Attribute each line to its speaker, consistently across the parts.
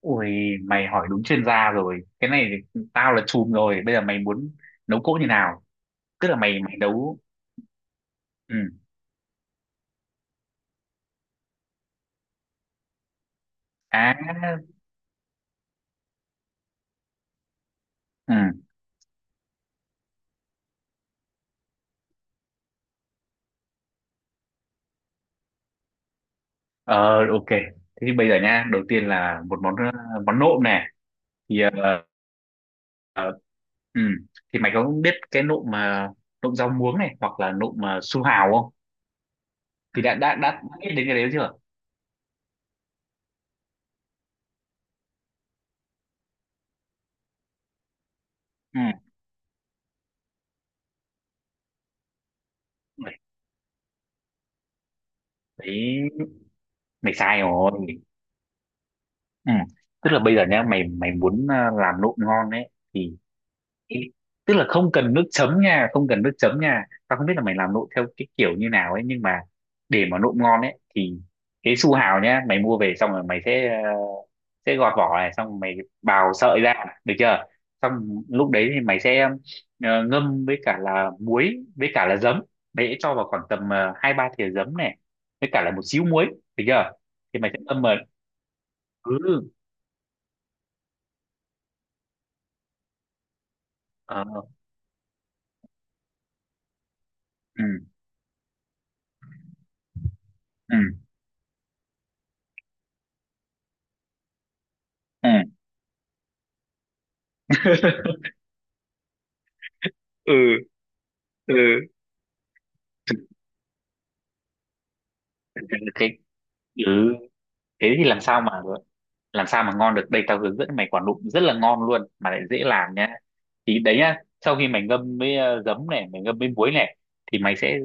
Speaker 1: Ui, Mày hỏi đúng chuyên gia rồi. Cái này thì tao là chùm rồi. Bây giờ mày muốn nấu cỗ như nào? Tức là mày mày nấu ừ. À, ừ. Ờ, ok. Thế thì bây giờ nha, đầu tiên là một món món nộm này. Thì ờ, ờ, ừ. Thì mày có biết cái nộm mà nộm rau muống này hoặc là nộm mà su hào không? Thì đã biết đến cái đấy chưa? Ừ. Mày- Đấy, mày sai rồi. Ừ. Tức là bây giờ nhá, mày mày muốn làm nộm ngon đấy thì Ý- tức là không cần nước chấm nha, không cần nước chấm nha, tao không biết là mày làm nộm theo cái kiểu như nào ấy, nhưng mà để mà nộm ngon ấy thì cái su hào nhá, mày mua về xong rồi mày sẽ sẽ gọt vỏ này, xong rồi mày bào sợi ra, được chưa, xong lúc đấy thì mày sẽ ngâm với cả là muối với cả là giấm, mày sẽ cho vào khoảng tầm hai ba thìa giấm này, với cả là một xíu muối, được chưa, thì mày sẽ ngâm mà. Ừ. ờ, ừ ừ ừ. ừ ừ cái ừ Thế thì làm sao mà, làm sao mà ngon được, đây tao hướng dẫn mày quả nụm rất là ngon luôn mà lại dễ làm nhá. Thì đấy nhá, sau khi mày ngâm với giấm này, mày ngâm với muối này, thì mày sẽ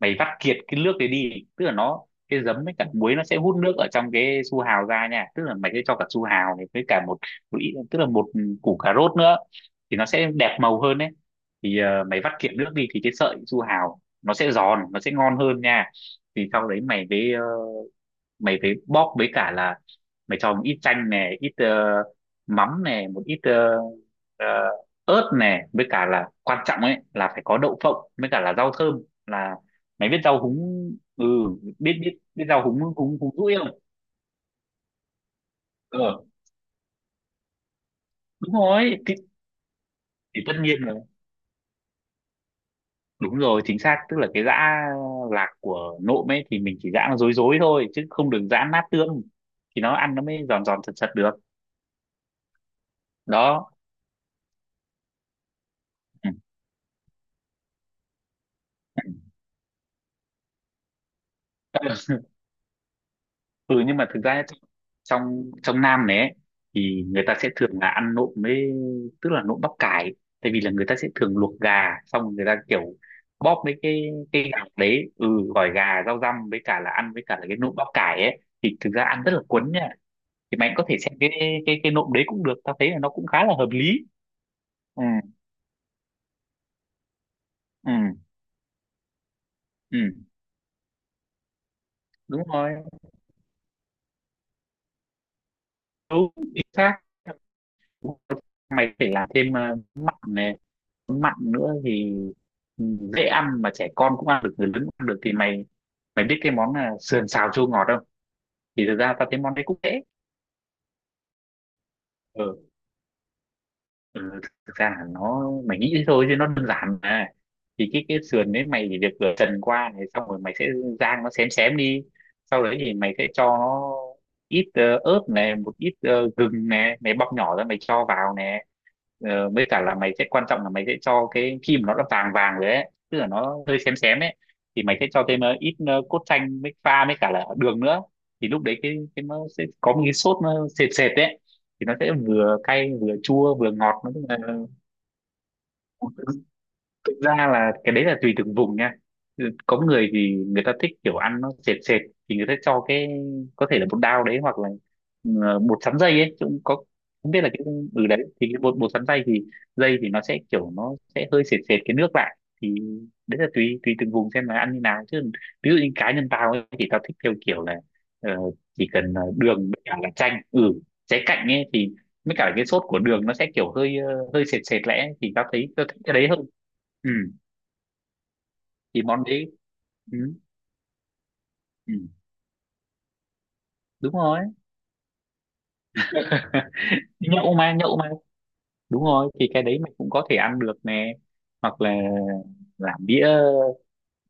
Speaker 1: mày vắt kiệt cái nước đấy đi, tức là nó, cái giấm với cả muối nó sẽ hút nước ở trong cái su hào ra nha, tức là mày sẽ cho cả su hào này với cả một, một ít, tức là một củ cà rốt nữa thì nó sẽ đẹp màu hơn đấy. Thì mày vắt kiệt nước đi thì cái sợi su hào nó sẽ giòn, nó sẽ ngon hơn nha. Thì sau đấy mày với mày phải bóp với cả là mày cho một ít chanh này, ít mắm này, một ít ờ, ớt này, với cả là quan trọng ấy là phải có đậu phộng với cả là rau thơm, là mày biết rau húng, ừ, biết biết biết rau húng húng húng rũi không. Ờ, đúng rồi thì tất nhiên rồi, đúng rồi, chính xác, tức là cái giã lạc của nộm ấy thì mình chỉ giã nó dối dối thôi chứ không được giã nát tương thì nó ăn nó mới giòn giòn sật sật được. Đó. Ừ. Ừ, nhưng mà thực ra trong trong Nam này ấy, thì người ta sẽ thường là ăn nộm với, tức là nộm bắp cải, tại vì là người ta sẽ thường luộc gà xong rồi người ta kiểu bóp mấy cái gà đấy, ừ, gỏi gà rau răm với cả là ăn với cả là cái nộm bắp cải ấy thì thực ra ăn rất là cuốn nha. Thì mày có thể xem cái cái nộm đấy cũng được, tao thấy là nó cũng khá là hợp lý. Ừ. Ừ. Ừ, đúng rồi. Đúng chính xác. Mày phải làm thêm mặn này, mặn nữa thì dễ ăn mà trẻ con cũng ăn được, người lớn cũng ăn được. Thì mày mày biết cái món là sườn xào chua ngọt không? Thì thực ra tao thấy món đấy cũng dễ. Ừ. Ừ, thực ra là nó mày nghĩ thế thôi chứ nó đơn giản mà. Thì cái sườn đấy mày chỉ việc rửa trần qua này, xong rồi mày sẽ rang nó xém xém đi, sau đấy thì mày sẽ cho nó ít ớt này, một ít gừng này, mày bóc nhỏ ra mày cho vào nè. Ờ, với cả là mày sẽ quan trọng là mày sẽ cho cái khi mà nó đã vàng vàng rồi ấy, tức là nó hơi xém xém ấy, thì mày sẽ cho thêm ít cốt chanh với pha với cả là đường nữa, thì lúc đấy cái nó sẽ có một cái sốt nó sệt sệt đấy, thì nó sẽ vừa cay vừa chua vừa ngọt nó cũng là. Thực ra là cái đấy là tùy từng vùng nha. Ừ, có người thì người ta thích kiểu ăn nó sệt sệt thì người ta cho cái, có thể là bột đao đấy, hoặc là bột sắn dây ấy chứ cũng có, không biết là cái, ừ, đấy thì cái bột bột sắn dây thì nó sẽ kiểu nó sẽ hơi sệt sệt cái nước lại, thì đấy là tùy tùy từng vùng xem là ăn như nào chứ. Ví dụ như cá nhân tao ấy thì tao thích theo kiểu là ờ, chỉ cần đường với cả là chanh, ừ, trái cạnh ấy thì với cả cái sốt của đường nó sẽ kiểu hơi hơi sệt sệt lẽ thì tao thấy tao thích cái đấy hơn. Ừ, thì món đấy, ừ, ừ, đúng rồi. Nhậu. Nhậu mà, nhậu mà đúng rồi thì cái đấy mình cũng có thể ăn được nè. Hoặc là làm đĩa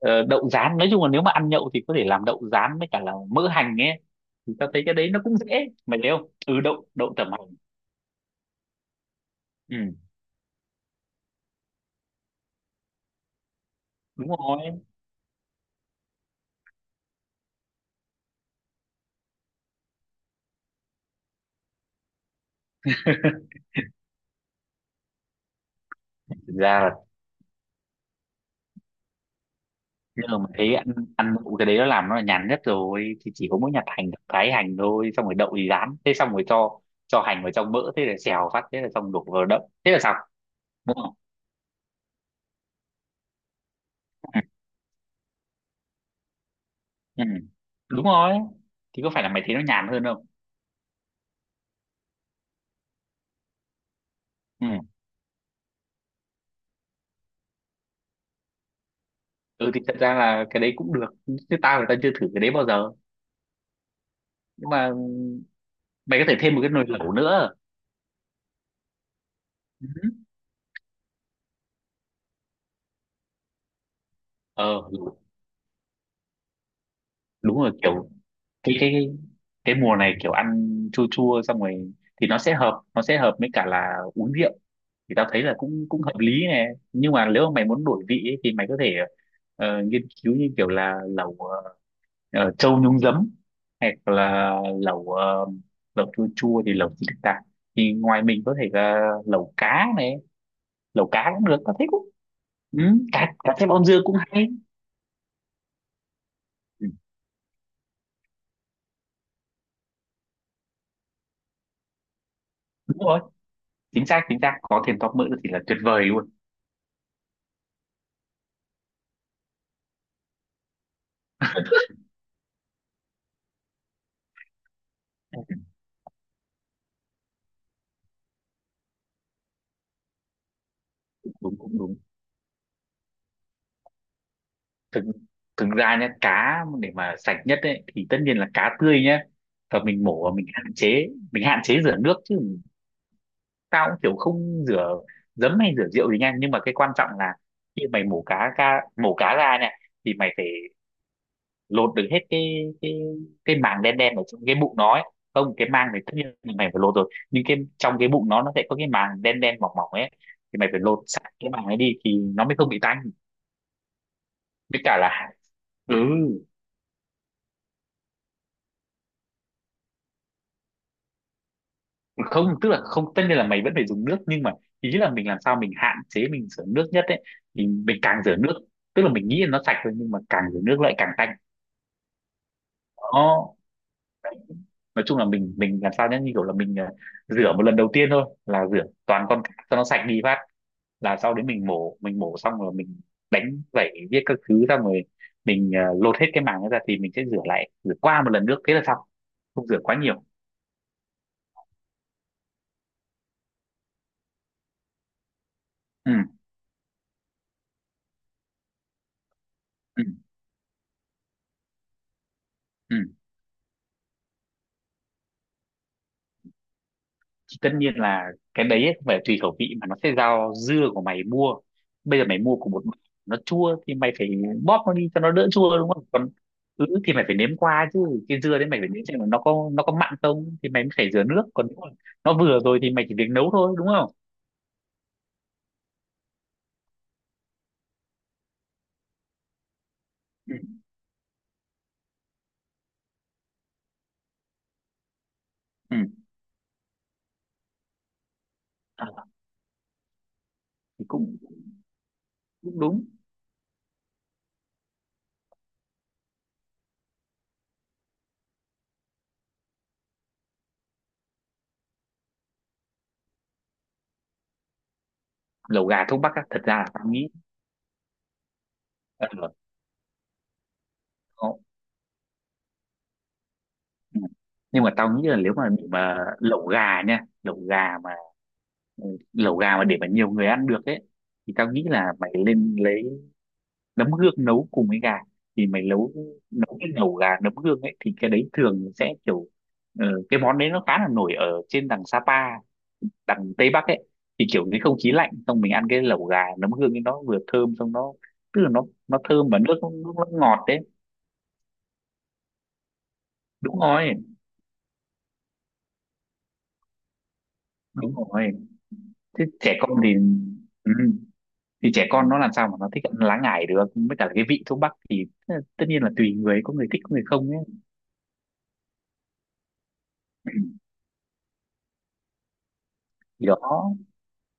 Speaker 1: ờ, đậu rán, nói chung là nếu mà ăn nhậu thì có thể làm đậu rán với cả là mỡ hành ấy, thì tao thấy cái đấy nó cũng dễ, mày thấy không, ừ, đậu đậu tẩm hành. Ừ, đúng rồi. Thực ra là, nhưng mà thấy ăn, ăn đậu cái đấy nó làm nó là nhàn nhất rồi, thì chỉ có mỗi nhặt hành thái hành thôi, xong rồi đậu thì rán thế, xong rồi cho hành vào trong mỡ thế là xèo phát thế là xong, đổ vào đậu thế là xong, đúng không? Ừ. Đúng rồi, thì có phải là mày thấy nó nhàn hơn không. Ừ. Ừ thì thật ra là cái đấy cũng được, chứ tao thì tao chưa thử cái đấy bao giờ, nhưng mà mày có thể thêm một cái nồi lẩu nữa. Ừ. Ờ, đúng rồi, kiểu cái cái cái mùa này kiểu ăn chua chua xong rồi thì nó sẽ hợp, nó sẽ hợp với cả là uống rượu, thì tao thấy là cũng cũng hợp lý nè, nhưng mà nếu mà mày muốn đổi vị ấy, thì mày có thể nghiên cứu như kiểu là lẩu trâu nhúng giấm, hoặc là lẩu lẩu chua chua thì lẩu gì được ta, thì ngoài mình có thể là lẩu cá này, lẩu cá cũng được, tao thích cũng, ừ, cá cá thêm om dưa cũng hay. Ừ, đúng rồi, chính xác, chính xác, có thêm top mỡ thì là tuyệt vời luôn. Đúng đúng đúng. Thực Thực ra nhé, cá để mà sạch nhất ấy, thì tất nhiên là cá tươi nhé, và mình mổ và mình hạn chế, rửa nước chứ, tao cũng kiểu không rửa giấm hay rửa rượu gì nha, nhưng mà cái quan trọng là khi mày mổ cá ra, này thì mày phải lột được hết cái cái màng đen đen ở trong cái bụng nó ấy. Không, cái màng này tất nhiên là mày phải lột rồi, nhưng cái trong cái bụng nó sẽ có cái màng đen đen mỏng mỏng ấy, thì mày phải lột sạch cái màng ấy đi thì nó mới không bị tanh. Với cả là, ừ, không, tức là không, tất nhiên là mày vẫn phải dùng nước, nhưng mà ý là mình làm sao mình hạn chế mình rửa nước nhất ấy, thì mình càng rửa nước, tức là mình nghĩ là nó sạch thôi, nhưng mà càng rửa nước lại càng tanh. Đó, nói chung là mình làm sao nhá, như kiểu là mình rửa một lần đầu tiên thôi, là rửa toàn con cá cho nó sạch đi phát, là sau đấy mình mổ, mình mổ xong rồi mình đánh vẩy viết các thứ, xong rồi mình lột hết cái màng ấy ra, thì mình sẽ rửa lại, rửa qua một lần nước thế là xong, không rửa quá nhiều. Ừ ừ ừ Thì tất nhiên là cái đấy ấy, không phải tùy khẩu vị mà nó sẽ do dưa của mày mua. Bây giờ mày mua của một bạn, nó chua thì mày phải bóp nó đi cho nó đỡ chua, đúng không, còn ứ thì mày phải nếm qua chứ, cái dưa đấy mày phải nếm xem là nó có, nó có mặn không thì mày mới phải rửa nước, còn nếu mà nó vừa rồi thì mày chỉ việc nấu thôi, đúng không. Ừ. Ừ. À, thì cũng cũng đúng. Lẩu gà thuốc bắc á, thật ra là tao nghĩ ờ, có- ừ. nhưng mà tao nghĩ là nếu mà để mà lẩu gà nha, lẩu gà mà, lẩu gà mà để mà nhiều người ăn được ấy, thì tao nghĩ là mày lên lấy nấm hương nấu cùng với gà, thì mày nấu, nấu cái lẩu gà nấm hương ấy thì cái đấy thường sẽ kiểu cái món đấy nó khá là nổi ở trên đằng Sapa, đằng Tây Bắc ấy, thì kiểu cái không khí lạnh xong mình ăn cái lẩu gà nấm hương ấy nó vừa thơm xong nó, tức là nó thơm và nước nó ngọt đấy. Đúng rồi, đúng rồi. Thế trẻ con thì, ừ, thì trẻ con nó làm sao mà nó thích ăn lá ngải được, với cả cái vị thuốc bắc thì tất nhiên là tùy người, có người thích có người không ấy. Thì đó.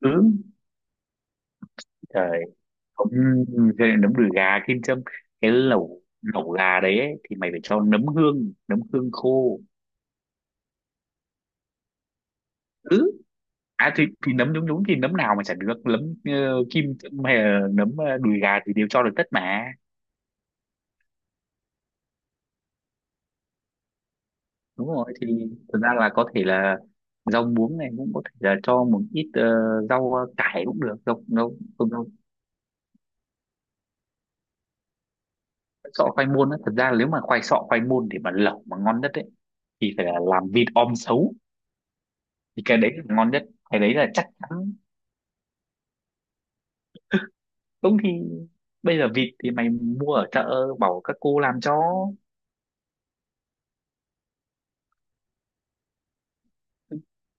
Speaker 1: Ừ. Trời, cũng, nấm đùi gà kim châm, cái lẩu lẩu gà đấy ấy, thì mày phải cho nấm hương, nấm hương khô. Ừ, à thì nấm, đúng đúng, thì nấm nào mà chả được, nấm ờ, kim châm hay là nấm đùi gà thì đều cho được tất mà. Đúng rồi thì thực ra là có thể là rau muống này, cũng có thể là cho một ít rau cải cũng được, rau rau, rau, sọ khoai môn á, thật ra là nếu mà khoai sọ khoai môn để mà lẩu mà ngon nhất ấy thì phải là làm vịt om sấu, thì cái đấy là ngon nhất. Cái đấy là chắc chắn đúng thì bây giờ vịt thì mày mua ở chợ bảo các cô làm cho.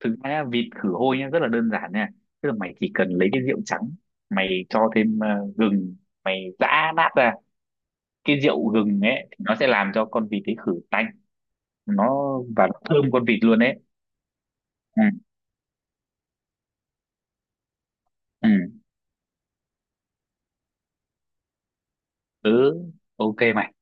Speaker 1: Thực ra nhá, vịt khử hôi nhá rất là đơn giản nha, tức là mày chỉ cần lấy cái rượu trắng, mày cho thêm gừng, mày giã nát ra, cái rượu gừng ấy thì nó sẽ làm cho con vịt ấy khử tanh, nó và nó thơm con vịt luôn ấy. Ừ ừ ừ Ok mày.